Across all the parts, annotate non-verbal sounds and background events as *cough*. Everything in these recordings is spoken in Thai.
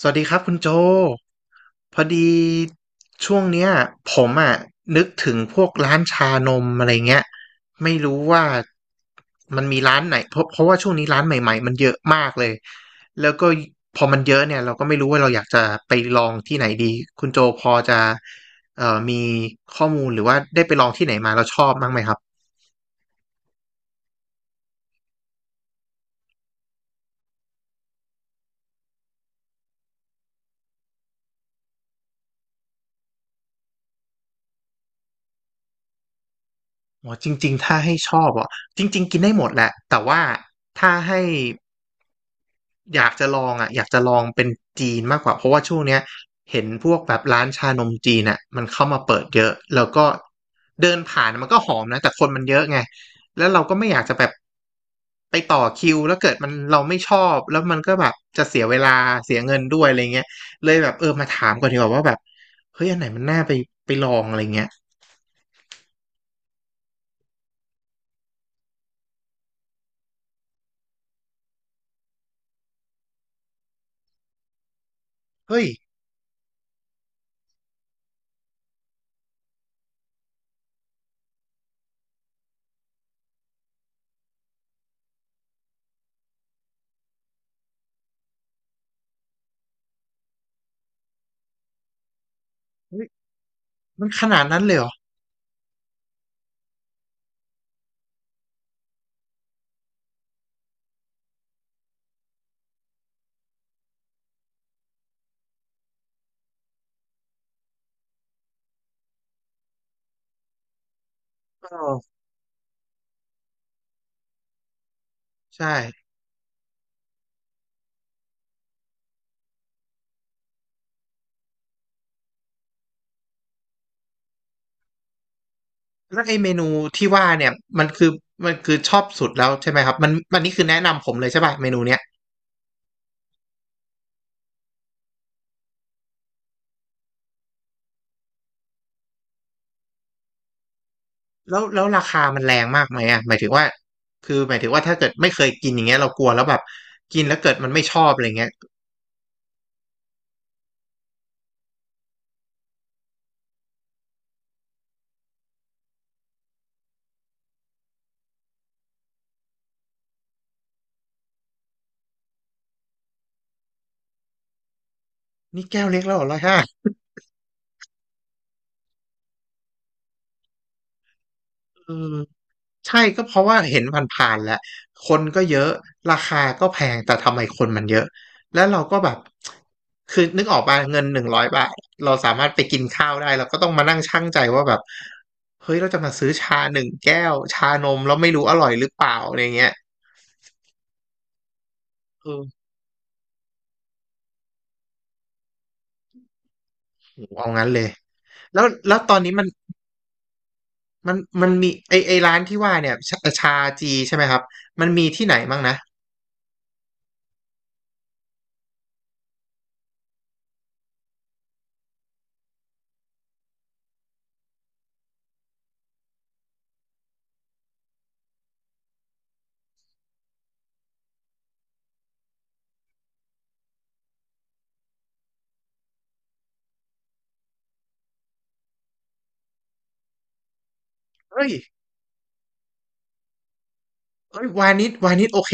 สวัสดีครับคุณโจพอดีช่วงเนี้ยผมอ่ะนึกถึงพวกร้านชานมอะไรเงี้ยไม่รู้ว่ามันมีร้านไหนเพราะว่าช่วงนี้ร้านใหม่ๆมันเยอะมากเลยแล้วก็พอมันเยอะเนี่ยเราก็ไม่รู้ว่าเราอยากจะไปลองที่ไหนดีคุณโจพอจะมีข้อมูลหรือว่าได้ไปลองที่ไหนมาแล้วชอบบ้างไหมครับอ๋อจริงๆถ้าให้ชอบอ่ะจริงๆกินได้หมดแหละแต่ว่าถ้าให้ อยากจะลองอ่ะอยากจะลองเป็นจีนมากกว่าเพราะว่าช่วงเนี้ยเห็นพวกแบบร้านชานมจีนอ่ะมันเข้ามาเปิดเยอะแล้วก็เดินผ่านมันก็หอมนะแต่คนมันเยอะไงแล้วเราก็ไม่อยากจะแบบไปต่อคิวแล้วเกิดมันเราไม่ชอบแล้วมันก็แบบจะเสียเวลาเสียเงินด้วยอะไรเงี้ยเลยแบบเออมาถามก่อนดีกว่าว่าแบบเฮ้ยอันไหนมันน่าไปไปลองอะไรเงี้ยเฮ้ยเฮ้ยมันขนาดนั้นเลยเหรอเออใช่ แล้วไอเมนูที่ว่าเนี่ยมันคือมันคือชอบสุดแล้วใช่ไหมครับมันนี่คือแนะนำผมเลยใช่ป่ะเมนูเนี้ยแล้วราคามันแรงมากไหมอ่ะหมายถึงว่าคือหมายถึงว่าถ้าเกิดไม่เคยกินอย่างเงี้ยเรากลัวแล้วแบบกินแล้วเกิดมันไม่ชอบอะไรเงี้ยนี่แก้วเล็กแล้วเหร้อยห้า ใช่ก็เพราะว่าเห็นผ่านๆแหละคนก็เยอะราคาก็แพงแต่ทำไมคนมันเยอะแล้วเราก็แบบคือนึกออกป่ะเงินหนึ่งร้อยบาทเราสามารถไปกินข้าวได้เราก็ต้องมานั่งชั่งใจว่าแบบเฮ้ยเราจะมาซื้อชาหนึ่งแก้วชานมแล้วไม่รู้อร่อยหรือเปล่าอะไรเงี้ยเออโหเอางั้นเลยแล้วตอนนี้มันมีไอร้านที่ว่าเนี่ยชาจีใช่ไหมครับมันมีที่ไหนบ้างนะเฮ้ย เอ้ยวานิชโอเค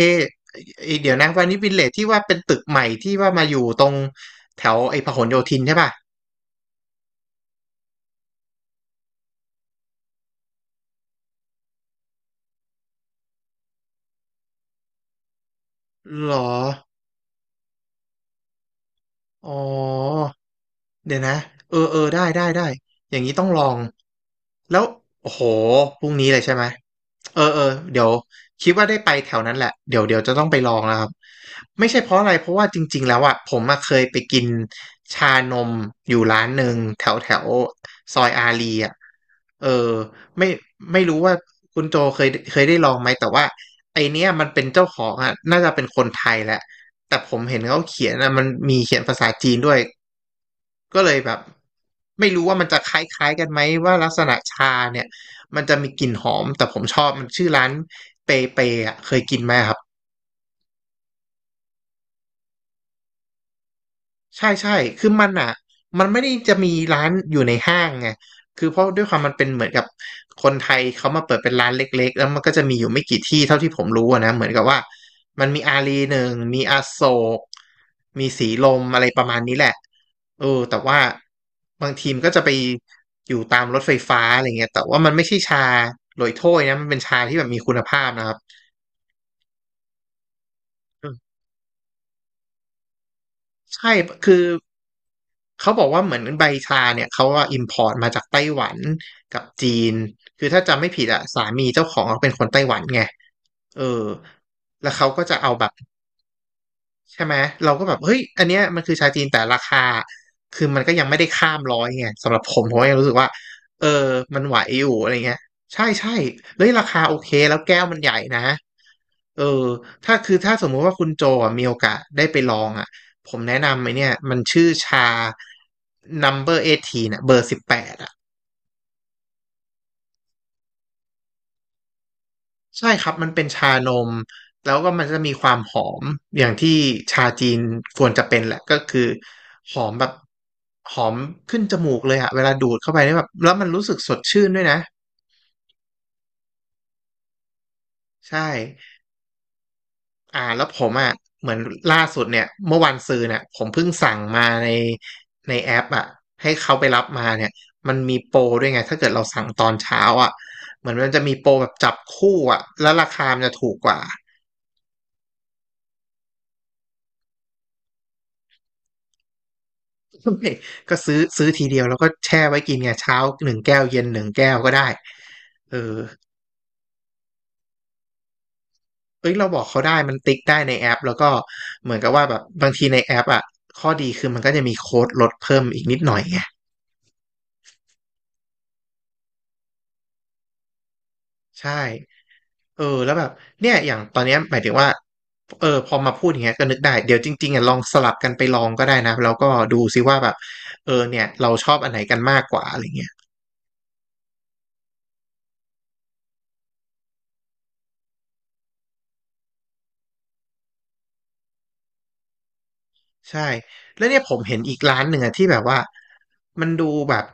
เอ้ยเดี๋ยวนะวานิชวิลเลจที่ว่าเป็นตึกใหม่ที่ว่ามาอยู่ตรงแถวไอ้พหลโยธินใช่ป่ะหรออ๋อ เดี๋ยวนะเออเออได้ได้ได้อย่างนี้ต้องลองแล้วโอ้โหพรุ่งนี้เลยใช่ไหมเออเออเดี๋ยวคิดว่าได้ไปแถวนั้นแหละเดี๋ยวจะต้องไปลองแล้วครับไม่ใช่เพราะอะไรเพราะว่าจริงๆแล้วอ่ะผมมาเคยไปกินชานมอยู่ร้านหนึ่งแถวแถวซอยอารีอ่ะเออไม่ไม่รู้ว่าคุณโจเคยได้ลองไหมแต่ว่าไอเนี้ยมันเป็นเจ้าของอ่ะน่าจะเป็นคนไทยแหละแต่ผมเห็นเขาเขียนนะมันมีเขียนภาษาจีนด้วย ก็เลยแบบไม่รู้ว่ามันจะคล้ายๆกันไหมว่าลักษณะชาเนี่ยมันจะมีกลิ่นหอมแต่ผมชอบมันชื่อร้านเปเปอ่ะเคยกินไหมครับ ใช่ใช่คือมันอ่ะมันไม่ได้จะมีร้านอยู่ในห้างไงคือเพราะด้วยความมันเป็นเหมือนกับคนไทยเขามาเปิดเป็นร้านเล็กๆ แล้วมันก็จะมีอยู่ไม่กี่ที่เท่าที่ผมรู้อะนะเหมือนกับว่ามันมีอารีหนึ่งมีอโศกมีสีลมอะไรประมาณนี้แหละเออแต่ว่าบางทีมนก็จะไปอยู่ตามรถไฟฟ้าอะไรเงี้ยแต่ว่ามันไม่ใช่ชาโรยโถ้ยนะมันเป็นชาที่แบบมีคุณภาพนะครับ ใช่ คือเขาบอกว่าเหมือนใบชาเนี่ยเขาว่าอิมพอร์ตมาจากไต้หวันกับจีน คือถ้าจำไม่ผิดอะสามีเจ้าของเขาเป็นคนไต้หวันไง เออ แล้วเขาก็จะเอาแบบ ใช่ไหมเราก็แบบเฮ้ยอันเนี้ยมันคือชาจีนแต่ราคาคือมันก็ยังไม่ได้ข้ามร้อยไงสำหรับผมก็ยังรู้สึกว่าเออมันไหวอยู่อะไรเงี้ยใช่ใช่เฮ้ยราคาโอเคแล้วแก้วมันใหญ่นะเออถ้าคือถ้าสมมุติว่าคุณโจอ่ะมีโอกาสได้ไปลองอ่ะผมแนะนำไอเนี่ยมันชื่อชา number 1เบอร์ 18 ใช่ครับมันเป็นชานมแล้วก็มันจะมีความหอมอย่างที่ชาจีนควรจะเป็นแหละก็คือหอมแบบหอมขึ้นจมูกเลยอะเวลาดูดเข้าไปนี่แบบแล้วมันรู้สึกสดชื่นด้วยนะใช่อ่าแล้วผมอะเหมือนล่าสุดเนี่ยเมื่อวันซืนเนี่ยผมเพิ่งสั่งมาในแอปอะให้เขาไปรับมาเนี่ยมันมีโปรด้วยไงถ้าเกิดเราสั่งตอนเช้าอะเหมือนมันจะมีโปรแบบจับคู่อะแล้วราคามันจะถูกกว่า *laughs* ไม่ก็ซื้อทีเดียวแล้วก็แช่ไว้กินไงเช้าหนึ่งแก้วเย็นหนึ่งแก้วก็ได้เออเอ้ยเราบอกเขาได้มันติ๊กได้ในแอปแล้วก็เหมือนกับว่าแบบบางทีในแอปอ่ะข้อดีคือมันก็จะมีโค้ดลดเพิ่มอีกนิดหน่อยไงใช่เออแล้วแบบเนี่ยอย่างตอนเนี้ยหมายถึงว่าพอมาพูดอย่างเงี้ยก็นึกได้เดี๋ยวจริงๆอ่ะลองสลับกันไปลองก็ได้นะแล้วก็ดูซิว่าแบบเออเนี่ยเราชอบอันไหนกันมากกว่าอะไรเงี้ย ใช่แล้วเนี่ยผมเห็นอีกร้านหนึ่งอะที่แบบว่ามันดูแบบ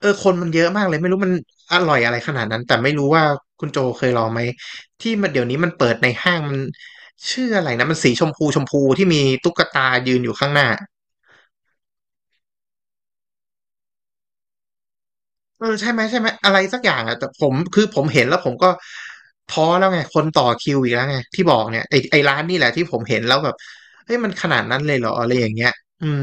เออคนมันเยอะมากเลยไม่รู้มันอร่อยอะไรขนาดนั้นแต่ไม่รู้ว่าคุณโจเคยลองไหมที่มันเดี๋ยวนี้มันเปิดในห้างมันชื่ออะไรนะมันสีชมพูที่มีตุ๊กตายืนอยู่ข้างหน้าเออใช่ไหมใช่ไหมอะไรสักอย่างอ่ะแต่ผมคือผมเห็นแล้วผมก็ท้อแล้วไงคนต่อคิวอีกแล้วไงที่บอกเนี่ยไอร้านนี่แหละที่ผมเห็นแล้วแบบเฮ้ยมันขนาดนั้นเลยเหรออะไรอย่างเงี้ยอืม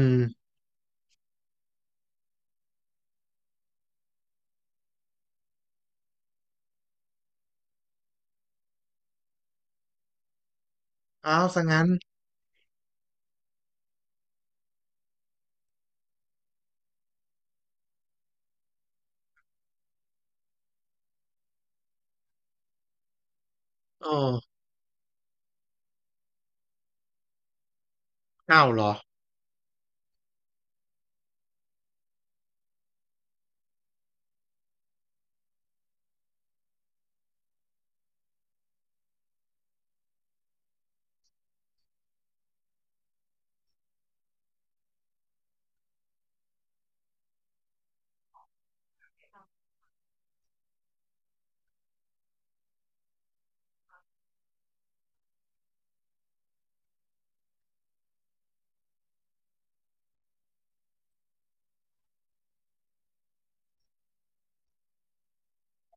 อ้าวซะงั้นโอ้เอ้าวเหรอ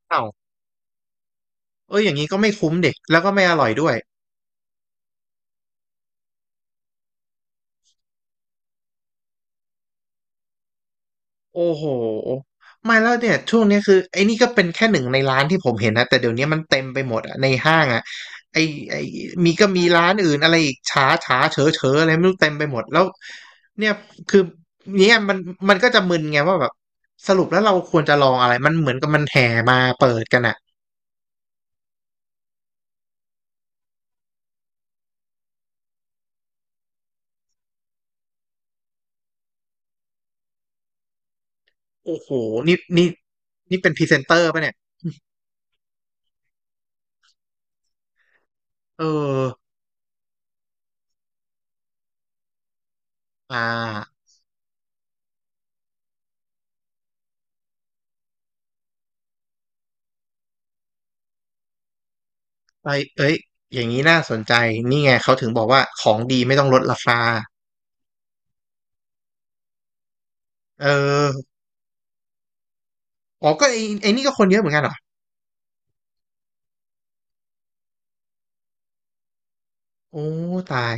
เอ้าว เอออย่างนี้ก็ไม่คุ้มเด็กแล้วก็ไม่อร่อยด้วยโอ้โหไม่แล้วเนี่ยช่วงเนี้ยคือไอ้นี่ก็เป็นแค่หนึ่งในร้านที่ผมเห็นนะแต่เดี๋ยวนี้มันเต็มไปหมดอะในห้างอะไอ้ไอ้มีก็มีร้านอื่นอะไรอีกฉาฉาเฉอเฉออะไรไม่รู้เต็มไปหมดแล้วเนี่ยคือเนี่ยมันก็จะมึนไงว่าแบบสรุปแล้วเราควรจะลองอะไรมันเหมือนกับมันแห่มาเปิดกันอะโอ้โหนี่นี่เป็นพรีเซนเตอร์ป่ะเนี่ยเอออ่า ไปเอ้ยอย่างนี้น่าสนใจ นี่ไงเขาถึงบอกว่าของดีไม่ต้องลดราคาเอออ๋อก็ไอ้นี่ก็คนเยอะเหมือนกันเหรอโอ้ตาย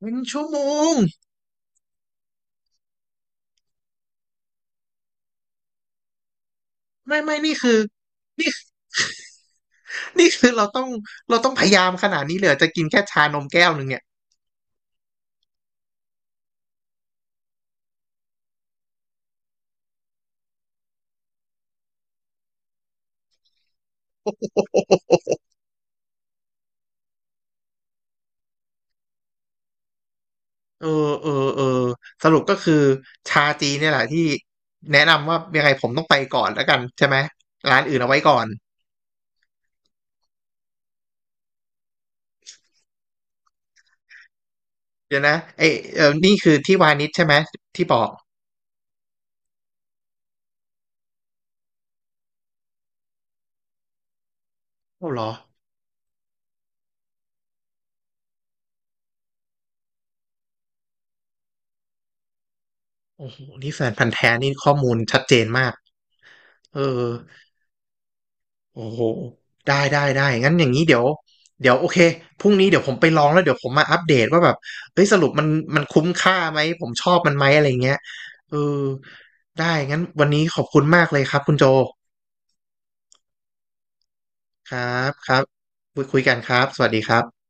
เป็นชั่วโมงไม่นี่คือนี่นี่คือเราต้องพยายามขนาดนี้เลยเหรอจะกินแค่ชานมแก้วหนึ่งเนี่ยเออเออเออสรุปก็คือชาจีนเนี่ยแหละที่แนะนำว่ายังไงผมต้องไปก่อนแล้วกันใช่ไหมร้านอื่นเอาไว้ก่อนเดี๋ยวนะเอยเออนี่คือที่วานิชใช่ไหมที่บอกโอ้เหรอ โอ้โหนี่แฟนพันธุ์แท้นี่ข้อมูลชัดเจนมากเออโอ้โหได้งั้นอย่างนี้เดี๋ยวโอเคพรุ่งนี้เดี๋ยวผมไปลองแล้วเดี๋ยวผมมาอัปเดตว่าแบบเฮ้ยสรุปมันคุ้มค่าไหมผมชอบมันไหมอะไรเงี้ยเออได้งั้นวันนี้ขอบคุณมากเลยครับคุณโจครับครับคุยกันครับสวัสดีครับ